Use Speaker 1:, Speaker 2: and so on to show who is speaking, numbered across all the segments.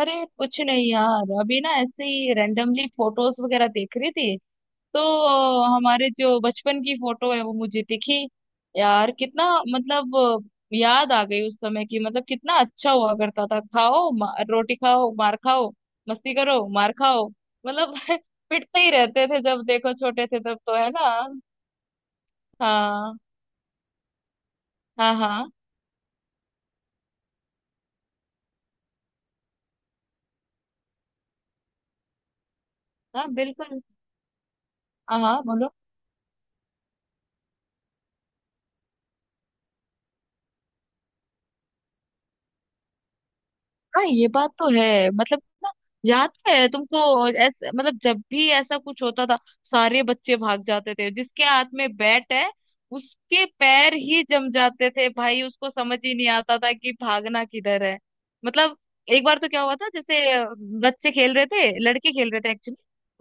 Speaker 1: अरे कुछ नहीं यार, अभी ना ऐसे ही रैंडमली फोटोज वगैरह देख रही थी। तो हमारे जो बचपन की फोटो है वो मुझे दिखी। यार कितना, मतलब याद आ गई उस समय की। मतलब कितना अच्छा हुआ करता था। खाओ मा, रोटी खाओ, मार खाओ, मस्ती करो, मार खाओ। मतलब पिटते ही रहते थे जब देखो, छोटे थे तब तो, है ना। हाँ हाँ हाँ हाँ, बिल्कुल। हाँ हाँ, बोलो। हाँ, ये बात तो है। मतलब ना, याद तो है तुमको। ऐसे मतलब जब भी ऐसा कुछ होता था, सारे बच्चे भाग जाते थे। जिसके हाथ में बैट है, उसके पैर ही जम जाते थे भाई। उसको समझ ही नहीं आता था कि भागना किधर है। मतलब एक बार तो क्या हुआ था, जैसे बच्चे खेल रहे थे, लड़के खेल रहे थे एक्चुअली।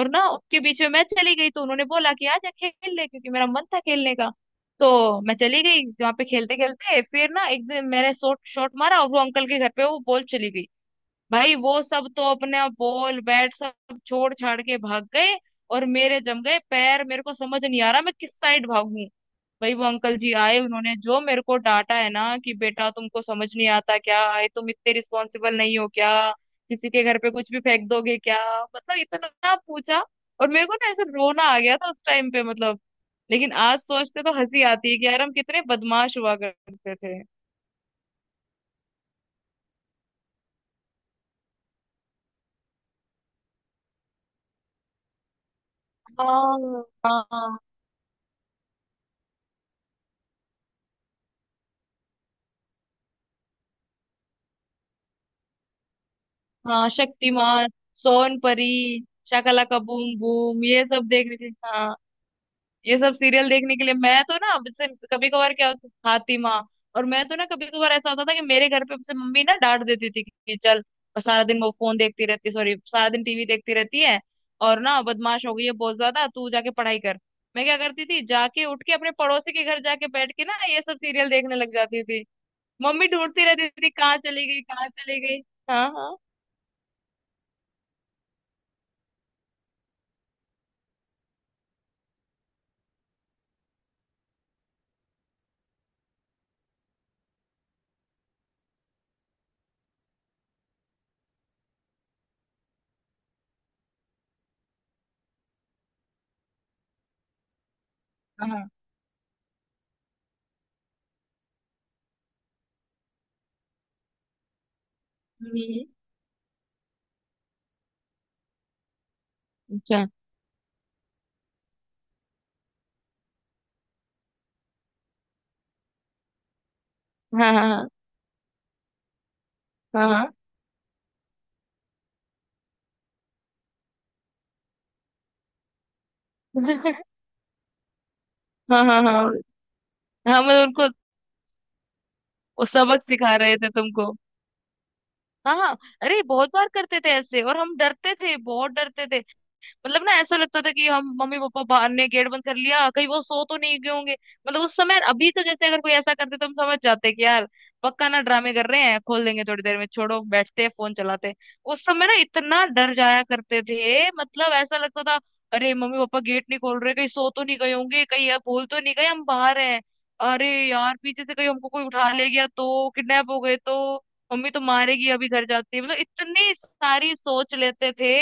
Speaker 1: और ना उनके बीच में मैं चली गई, तो उन्होंने बोला कि आजा खेल ले, क्योंकि मेरा मन था खेलने का। तो मैं चली गई। जहाँ पे खेलते खेलते फिर ना एक दिन मैंने शॉट शॉट मारा और वो अंकल के घर पे वो बॉल चली गई। भाई वो सब तो अपने बॉल बैट सब छोड़ छाड़ के भाग गए। और मेरे जम गए पैर, मेरे को समझ नहीं आ रहा मैं किस साइड भागूं। भाई वो अंकल जी आए, उन्होंने जो मेरे को डांटा है ना, कि बेटा तुमको समझ नहीं आता क्या, आए तुम, इतने रिस्पॉन्सिबल नहीं हो क्या, किसी के घर पे कुछ भी फेंक दोगे क्या। मतलब इतना पूछा। और मेरे को ना ऐसे रोना आ गया था उस टाइम पे। मतलब लेकिन आज सोचते तो हंसी आती है कि यार हम कितने बदमाश हुआ करते थे। हाँ हाँ। हाँ शक्तिमान, सोन परी, शाकाला का बूम बूम, ये सब देखने के, हाँ। ये सब सीरियल देखने के लिए मैं तो ना, जैसे कभी कभार क्या होता, फातिमा। और मैं तो ना कभी कभार ऐसा होता था कि मेरे घर पे मुझसे मम्मी ना डांट देती थी कि चल, और सारा दिन वो फोन देखती रहती, सॉरी सारा दिन टीवी देखती रहती है, और ना बदमाश हो गई है बहुत ज्यादा, तू जाके पढ़ाई कर। मैं क्या करती थी, जाके उठ के अपने पड़ोसी के घर जाके बैठ के ना ये सब सीरियल देखने लग जाती थी। मम्मी ढूंढती रहती थी, कहाँ चली गई, कहाँ चली गई। हाँ हाँ हाँ। हम्म। अच्छा। हाँ हाँ हाँ हाँ हाँ। हाँ हाँ हाँ हाँ। मतलब उनको, वो सबक सिखा रहे थे तुमको। हाँ हाँ। अरे बहुत बार करते थे ऐसे, और हम डरते थे, बहुत डरते थे। मतलब ना ऐसा लगता था कि हम, मम्मी पापा बाहर ने गेट बंद कर लिया, कहीं वो सो तो नहीं गए होंगे। मतलब उस समय। अभी तो जैसे अगर कोई ऐसा करते तो हम समझ जाते कि यार पक्का ना ड्रामे कर रहे हैं, खोल देंगे थोड़ी देर में, छोड़ो बैठते फोन चलाते। उस समय ना इतना डर जाया करते थे। मतलब ऐसा लगता था, अरे मम्मी पापा गेट नहीं खोल रहे, कहीं सो तो नहीं गए होंगे, कहीं यार भूल तो नहीं गए हम बाहर हैं, अरे यार पीछे से कहीं हमको कोई उठा ले गया तो, किडनैप हो गए तो मम्मी तो मारेगी, अभी घर जाती। मतलब इतनी सारी सोच लेते थे।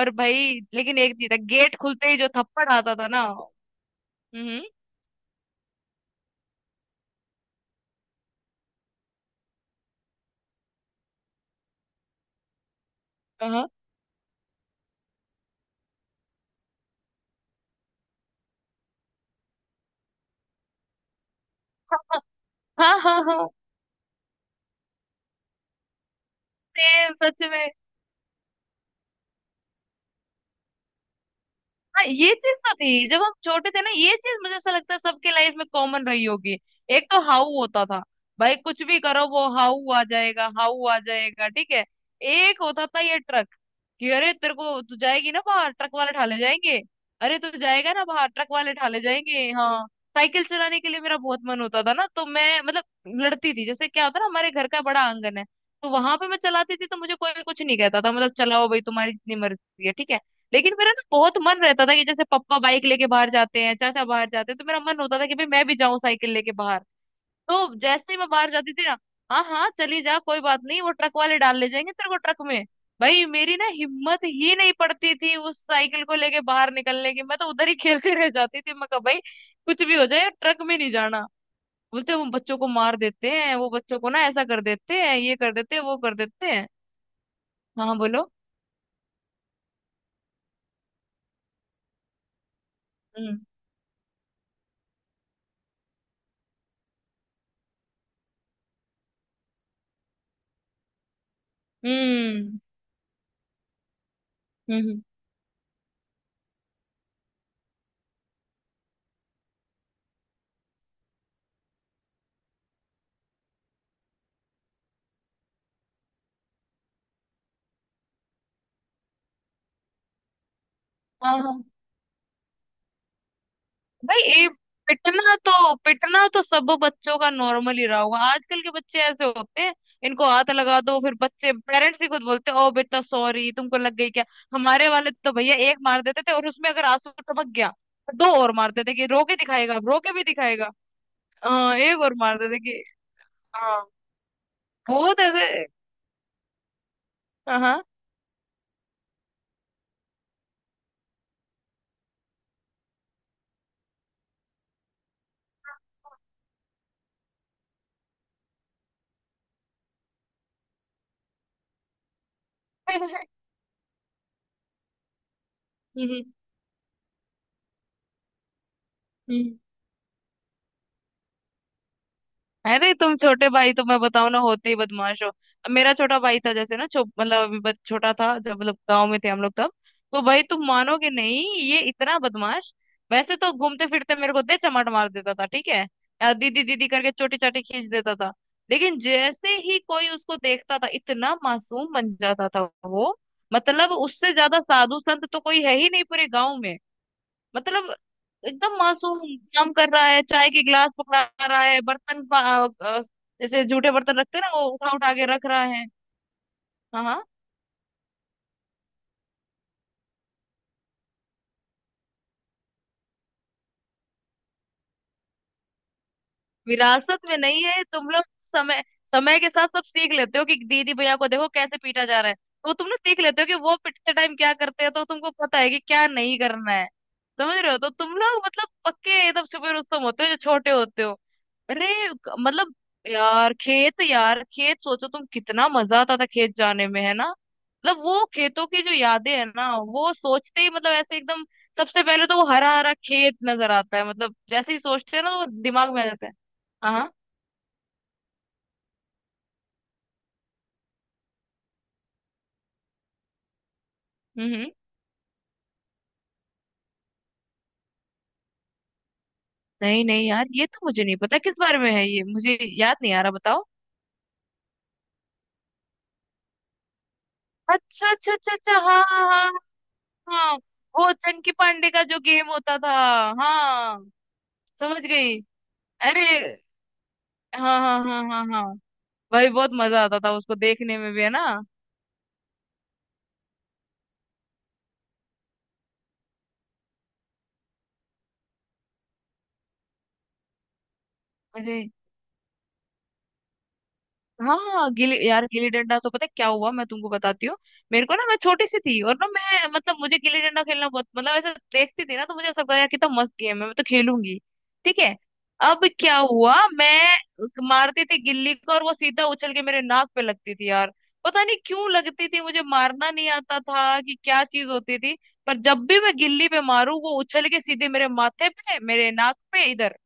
Speaker 1: और भाई लेकिन एक चीज है, गेट खुलते ही जो थप्पड़ आता था ना। हम्म। हाँ हाँ हाँ हाँ। सेम, सच में। हाँ ये चीज तो थी जब हम छोटे थे ना, ये चीज मुझे ऐसा लगता है सबके लाइफ में कॉमन रही होगी। एक तो हाउ होता था। भाई कुछ भी करो, वो हाउ आ जाएगा, हाउ आ जाएगा, ठीक है। एक होता था ये ट्रक, कि अरे तेरे को, तू जाएगी ना बाहर, ट्रक वाले ठाले जाएंगे। अरे तू जाएगा ना बाहर, ट्रक वाले ठाले जाएंगे। हाँ साइकिल चलाने के लिए मेरा बहुत मन होता था ना, तो मैं, मतलब लड़ती थी। जैसे क्या होता ना, हमारे घर का बड़ा आंगन है, तो वहां पे मैं चलाती थी, तो मुझे कोई कुछ नहीं कहता था। मतलब चलाओ भाई तुम्हारी जितनी मर्जी है, ठीक है। लेकिन मेरा ना बहुत मन रहता था कि जैसे पापा बाइक लेके बाहर जाते हैं, चाचा बाहर जाते हैं, तो मेरा मन होता था कि भाई मैं भी जाऊं साइकिल लेके बाहर। तो जैसे ही मैं बाहर जाती थी ना, हाँ हाँ चली जा कोई बात नहीं, वो ट्रक वाले डाल ले जाएंगे तेरे को ट्रक में। भाई मेरी ना हिम्मत ही नहीं पड़ती थी उस साइकिल को लेके बाहर निकलने की। मैं तो उधर ही खेलती रह जाती थी। मैं कहा भाई कुछ भी हो जाए ट्रक में नहीं जाना। बोलते वो बच्चों को मार देते हैं, वो बच्चों को ना ऐसा कर देते हैं, ये कर देते हैं, वो कर देते हैं। हाँ बोलो। हम्म हम्म हम्म। हम्म। हाँ हाँ। भाई ये, पिटना तो, पिटना तो सब बच्चों का नॉर्मल ही रहा होगा। आजकल के बच्चे ऐसे होते हैं, इनको हाथ लगा दो फिर बच्चे, पेरेंट्स ही खुद बोलते हैं, ओ बेटा सॉरी, तुमको लग गई क्या। हमारे वाले तो भैया एक मार देते थे, और उसमें अगर आंसू टपक गया तो दो और मार देते, कि रो के दिखाएगा, रो के भी दिखाएगा। हाँ एक और मार देते कि। हाँ, बहुत ऐसे। हाँ हाँ। हम्म हम्म, अरे तुम छोटे भाई तो मैं बताऊं ना, होते ही बदमाश हो। अब मेरा छोटा भाई था, जैसे ना मतलब अभी छोटा था जब, मतलब गांव में थे हम लोग तब। तो भाई तुम मानोगे नहीं, ये इतना बदमाश। वैसे तो घूमते फिरते मेरे को दे चमाट मार देता था, ठीक है, या दीदी दीदी करके चोटी चाटी खींच देता था। लेकिन जैसे ही कोई उसको देखता था, इतना मासूम बन जाता था वो। मतलब उससे ज्यादा साधु संत तो कोई है ही नहीं पूरे गांव में। मतलब एकदम मासूम, काम कर रहा है, चाय के गिलास पकड़ा रहा है, अ, जैसे जूठे बर्तन रखते हैं ना, वो उठा उठा के रख रहा है। हाँ हाँ। विरासत में नहीं है तुम लोग। समय, समय के साथ सब सीख लेते हो, कि दीदी भैया को देखो कैसे पीटा जा रहा है। तो तुम लोग सीख लेते हो कि वो पिटते टाइम क्या करते हैं, तो तुमको पता है कि क्या नहीं करना है। समझ रहे हो, तो तुम लोग मतलब पक्के एकदम छुपे रुस्तम होते हो जो छोटे होते हो। अरे मतलब यार खेत, यार खेत सोचो तुम, कितना मजा आता था खेत जाने में, है ना। मतलब वो खेतों की जो यादें है ना, वो सोचते ही मतलब ऐसे एकदम, सबसे पहले तो वो हरा हरा खेत नजर आता है। मतलब जैसे ही सोचते हैं ना तो वो दिमाग में आ जाता है। हाँ हाँ, हम्म हम्म। नहीं नहीं यार, ये तो मुझे नहीं पता किस बारे में है, ये मुझे याद नहीं आ रहा, बताओ। अच्छा अच्छा अच्छा अच्छा, हाँ हाँ हाँ। हाँ, वो चंकी पांडे का जो गेम होता था। हाँ। समझ गई। अरे हाँ हाँ हाँ हाँ हाँ, भाई बहुत मजा आता था उसको देखने में भी, है ना। अरे हाँ हाँ गिल्ली, यार गिल्ली डंडा तो, पता है क्या हुआ मैं तुमको बताती हूँ। मेरे को ना, मैं छोटी सी थी, और ना मैं, मतलब मुझे गिल्ली डंडा खेलना बहुत, मतलब ऐसे देखती थी ना, तो मुझे ऐसा लगता था, यार कितना मस्त गेम है, मैं तो खेलूंगी, ठीक है। अब क्या हुआ, मैं मारती थी गिल्ली को, और वो सीधा उछल के मेरे नाक पे लगती थी यार। पता नहीं क्यों लगती थी, मुझे मारना नहीं आता था कि क्या चीज होती थी। पर जब भी मैं गिल्ली पे मारू, वो उछल के सीधे मेरे माथे पे, मेरे नाक पे इधर,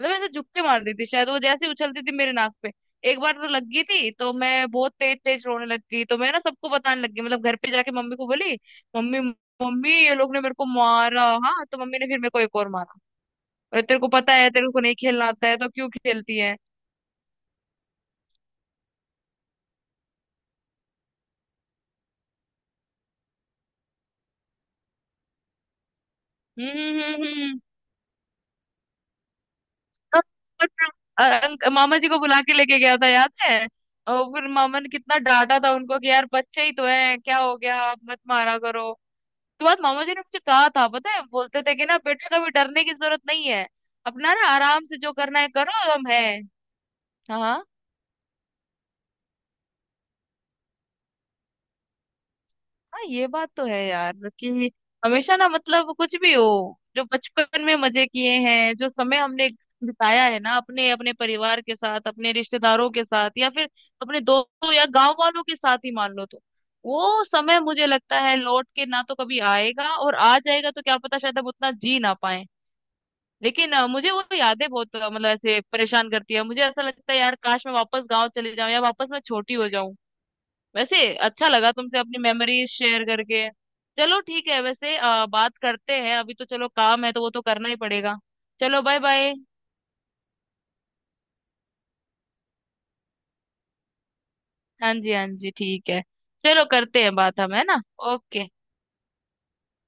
Speaker 1: मतलब ऐसे झुक्के मार देती शायद वो, जैसे ही उछलती थी मेरे नाक पे। एक बार तो लग गई थी, तो मैं बहुत तेज तेज रोने लग गई, तो मैं ना सबको बताने लग गई। मतलब घर पे जाके मम्मी को बोली, मम्मी मम्मी ये लोग ने मेरे को मारा। हाँ तो मम्मी ने फिर मेरे को एक और मारा, अरे तेरे को पता है तेरे को नहीं खेलना आता है तो क्यों खेलती है। हम्म। हम्म। तो फिर, मामा जी को बुला के लेके गया था, याद है। और फिर मामा ने कितना डांटा था उनको, कि यार बच्चे ही तो हैं, क्या हो गया, आप मत मारा करो। उसके बाद मामा जी ने मुझे कहा था, पता है, बोलते थे कि ना बेटा कभी डरने की जरूरत नहीं है, अपना ना आराम से जो करना है करो, हम है। हाँ हाँ, ये बात तो है यार, कि हमेशा ना, मतलब कुछ भी हो, जो बचपन में मजे किए हैं, जो समय हमने बिताया है ना, अपने अपने परिवार के साथ, अपने रिश्तेदारों के साथ, या फिर अपने दोस्तों या गांव वालों के साथ ही मान लो तो, वो समय मुझे लगता है लौट के ना तो कभी आएगा, और आ जाएगा तो क्या पता शायद हम उतना जी ना पाए। लेकिन मुझे वो यादें बहुत मतलब ऐसे परेशान करती है। मुझे ऐसा लगता है यार काश मैं वापस गांव चले जाऊं, या वापस मैं छोटी हो जाऊं। वैसे, अच्छा लगा तुमसे अपनी मेमोरीज शेयर करके। चलो ठीक है, वैसे बात करते हैं, अभी तो चलो काम है तो वो तो करना ही पड़ेगा। चलो, बाय बाय। हाँ जी, हाँ जी, ठीक है। चलो करते हैं बात, हम है ना। ओके।